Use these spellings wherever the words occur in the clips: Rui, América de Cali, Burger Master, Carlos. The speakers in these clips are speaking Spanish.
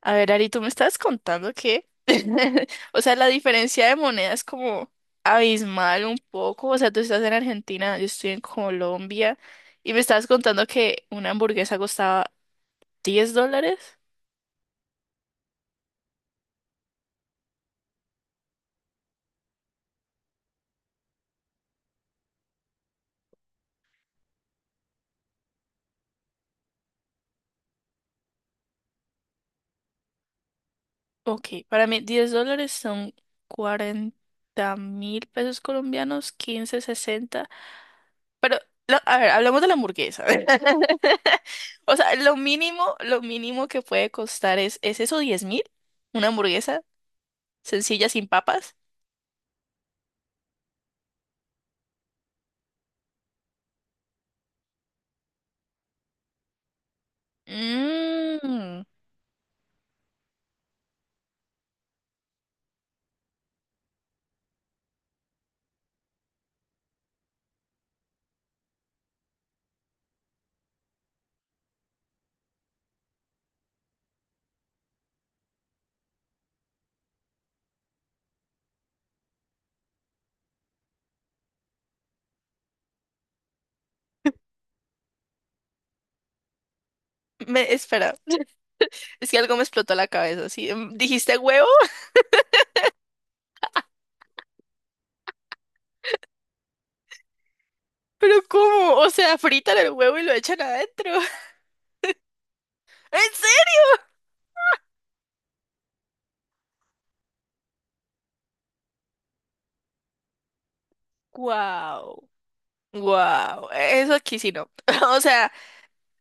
A ver, Ari, tú me estabas contando que, o sea, la diferencia de moneda es como abismal un poco. O sea, tú estás en Argentina, yo estoy en Colombia, y me estabas contando que una hamburguesa costaba 10 dólares. Ok, para mí 10 dólares son 40.000 pesos colombianos, 15 60. Pero, a ver, hablamos de la hamburguesa. O sea, lo mínimo que puede costar ¿es eso 10.000? ¿Una hamburguesa sencilla sin papas? Mmm. Espera, es que algo me explotó la cabeza, ¿sí? ¿Dijiste huevo? ¿Pero cómo? O sea, fritan el huevo y lo echan adentro. ¿En serio? ¡Guau! Wow, eso aquí sí no. O sea,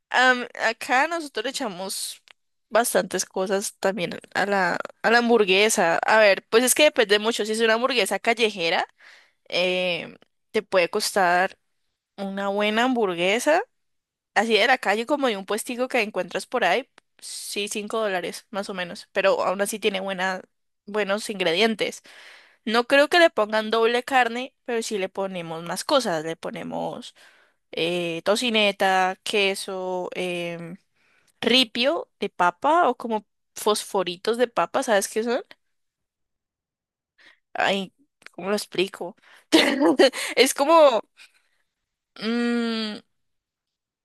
acá nosotros le echamos bastantes cosas también a la hamburguesa. A ver, pues es que depende mucho. Si es una hamburguesa callejera, eh, te puede costar una buena hamburguesa, así de la calle como de un puestico que encuentras por ahí, sí, 5 dólares más o menos, pero aún así tiene buenos ingredientes. No creo que le pongan doble carne, pero sí le ponemos más cosas, le ponemos tocineta, queso, ripio de papa o como fosforitos de papa, ¿sabes qué son? Ay, ¿cómo lo explico? Es como mm,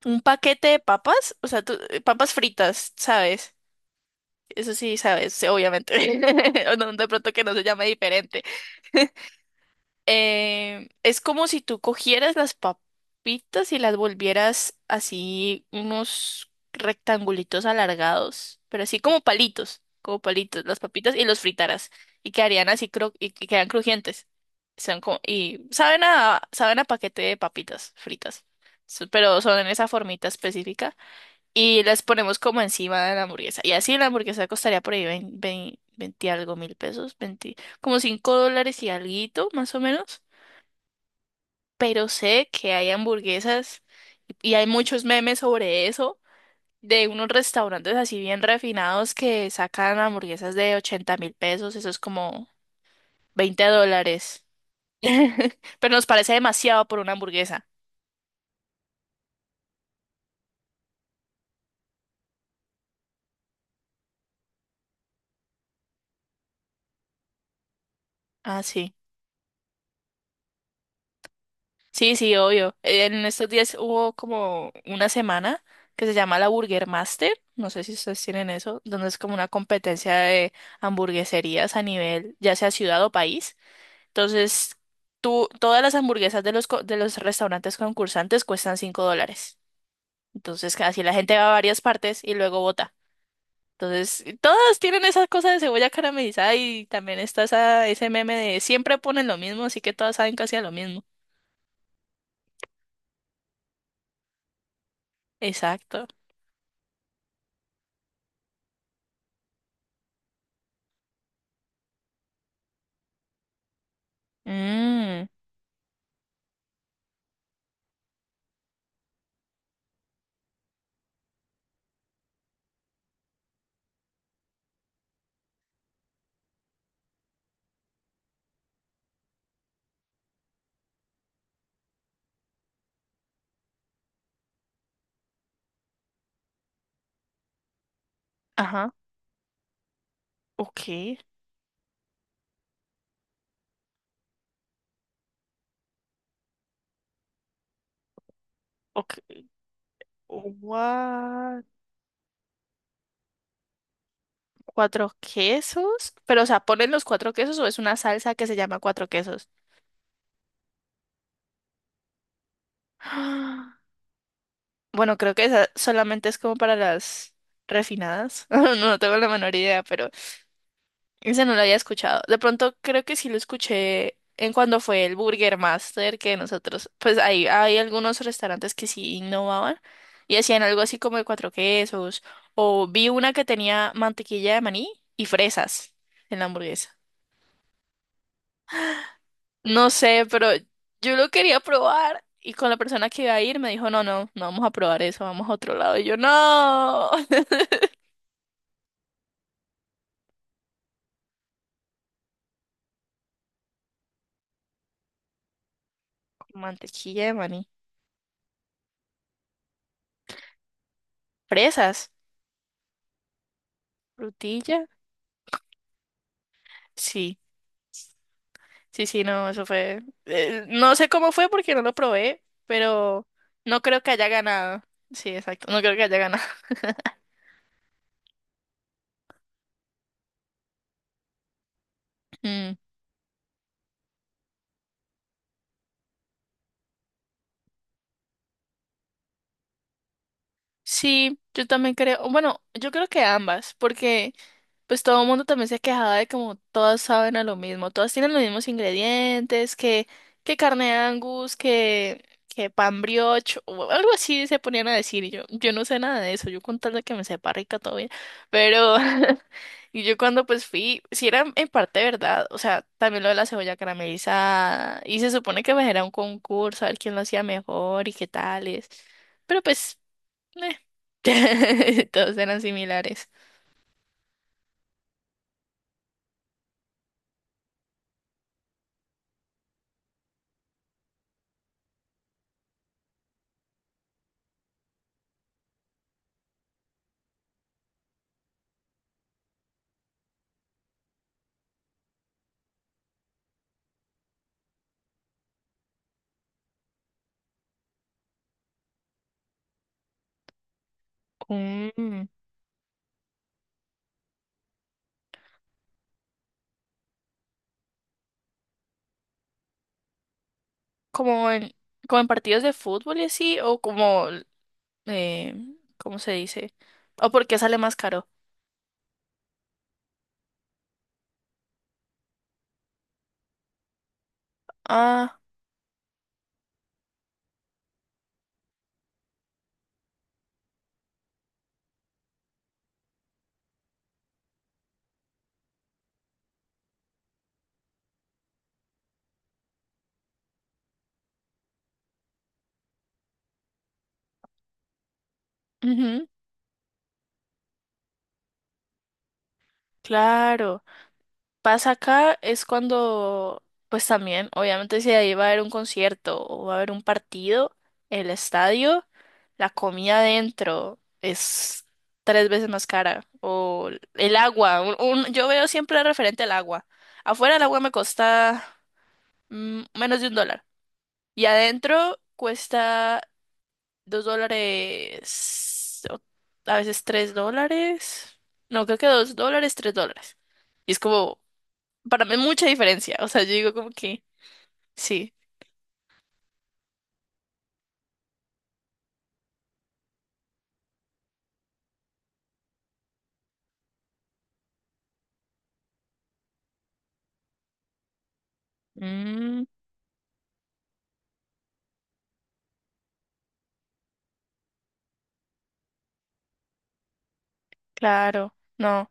un paquete de papas, o sea, papas fritas, ¿sabes? Eso sí, sabes, sí, obviamente. O no, de pronto que no se llame diferente. Es como si tú cogieras las papitas y las volvieras así unos rectangulitos alargados, pero así como palitos, las papitas y los fritaras y quedarían así cro y que quedan crujientes. Son como y saben a saben a paquete de papitas fritas. Pero son en esa formita específica y las ponemos como encima de la hamburguesa. Y así la hamburguesa costaría por ahí veinte algo mil pesos, 20 como 5 dólares y alguito, más o menos, pero sé que hay hamburguesas y hay muchos memes sobre eso, de unos restaurantes así bien refinados que sacan hamburguesas de 80.000 pesos, eso es como 20 dólares. Pero nos parece demasiado por una hamburguesa. Ah, sí. Sí, sí, obvio. En estos días hubo como una semana que se llama la Burger Master, no sé si ustedes tienen eso, donde es como una competencia de hamburgueserías a nivel, ya sea ciudad o país. Entonces, tú, todas las hamburguesas de de los restaurantes concursantes cuestan 5 dólares. Entonces, así la gente va a varias partes y luego vota. Entonces, todas tienen esa cosa de cebolla caramelizada y también está ese meme de siempre ponen lo mismo, así que todas saben casi a lo mismo. Exacto. Mm, ajá. Ok. Ok. What? ¿Cuatro quesos? Pero, o sea, ¿ponen los cuatro quesos o es una salsa que se llama cuatro quesos? Bueno, creo que esa solamente es como para las refinadas. No tengo la menor idea, pero esa no la había escuchado. De pronto creo que sí lo escuché en cuando fue el Burger Master que nosotros, pues ahí hay algunos restaurantes que sí innovaban y hacían algo así como de cuatro quesos. O vi una que tenía mantequilla de maní y fresas en la hamburguesa. No sé, pero yo lo quería probar. Y con la persona que iba a ir me dijo, no, no, no vamos a probar eso, vamos a otro lado. Y yo, no. Mantequilla de maní. Fresas. Frutilla. Sí, sí, sí, no, eso fue. No sé cómo fue porque no lo probé, pero no creo que haya ganado. Sí, exacto, no creo que haya ganado. Mm, sí, yo también creo. Bueno, yo creo que ambas, porque. Pues todo el mundo también se quejaba de como todas saben a lo mismo, todas tienen los mismos ingredientes, que carne de Angus, que pan brioche, o algo así se ponían a decir, y yo no sé nada de eso, yo con tal de que me sepa rica todavía, pero, y yo cuando pues fui, si era en parte verdad, o sea, también lo de la cebolla caramelizada, y se supone que pues era un concurso, a ver quién lo hacía mejor y qué tales, pero pues, todos eran similares. Mm. como en, como en partidos de fútbol y así, o como, eh, ¿cómo se dice? O porque sale más caro. Ah, ujú, claro. Pasa acá es cuando, pues también, obviamente si ahí va a haber un concierto o va a haber un partido, el estadio, la comida adentro es tres veces más cara. O el agua, yo veo siempre referente al agua. Afuera el agua me cuesta menos de 1 dólar. Y adentro cuesta 2 dólares, o a veces 3 dólares. No, creo que 2 dólares, 3 dólares. Y es como, para mí mucha diferencia. O sea, yo digo como que, sí. Mm, claro, no.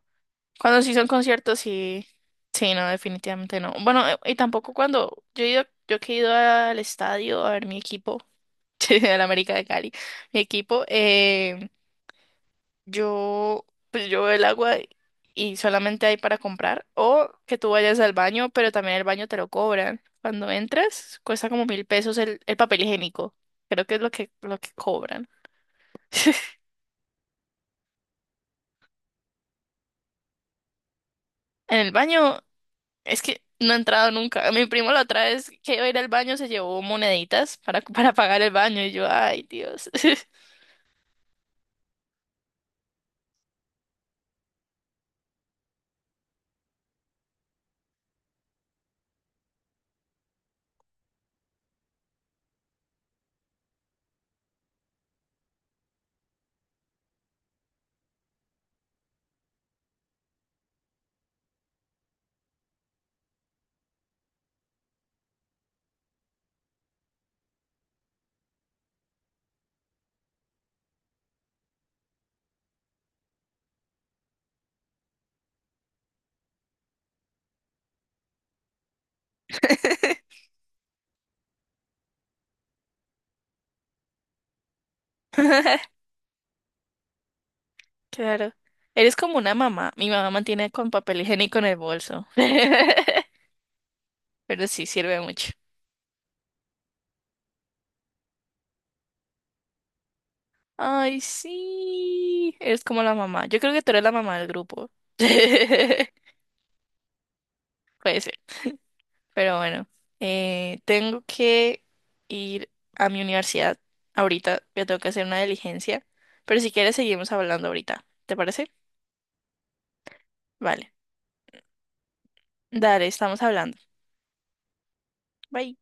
Cuando sí son conciertos, sí. Sí, no, definitivamente no. Bueno, y tampoco cuando yo he ido, yo que he ido al estadio a ver mi equipo, el América de Cali, mi equipo. Eh, Yo, pues yo veo el agua y solamente hay para comprar. O que tú vayas al baño, pero también el baño te lo cobran. Cuando entras, cuesta como 1.000 pesos el papel higiénico. Creo que es lo que cobran. En el baño, es que no he entrado nunca. Mi primo la otra vez que iba a ir al baño se llevó moneditas para pagar el baño. Y yo, ay, Dios. Claro. Eres como una mamá. Mi mamá mantiene con papel higiénico en el bolso. Pero sí sirve mucho. Ay, sí. Eres como la mamá. Yo creo que tú eres la mamá del grupo. Puede ser. Pero bueno, tengo que ir a mi universidad ahorita. Yo tengo que hacer una diligencia. Pero si quieres, seguimos hablando ahorita. ¿Te parece? Vale. Dale, estamos hablando. Bye.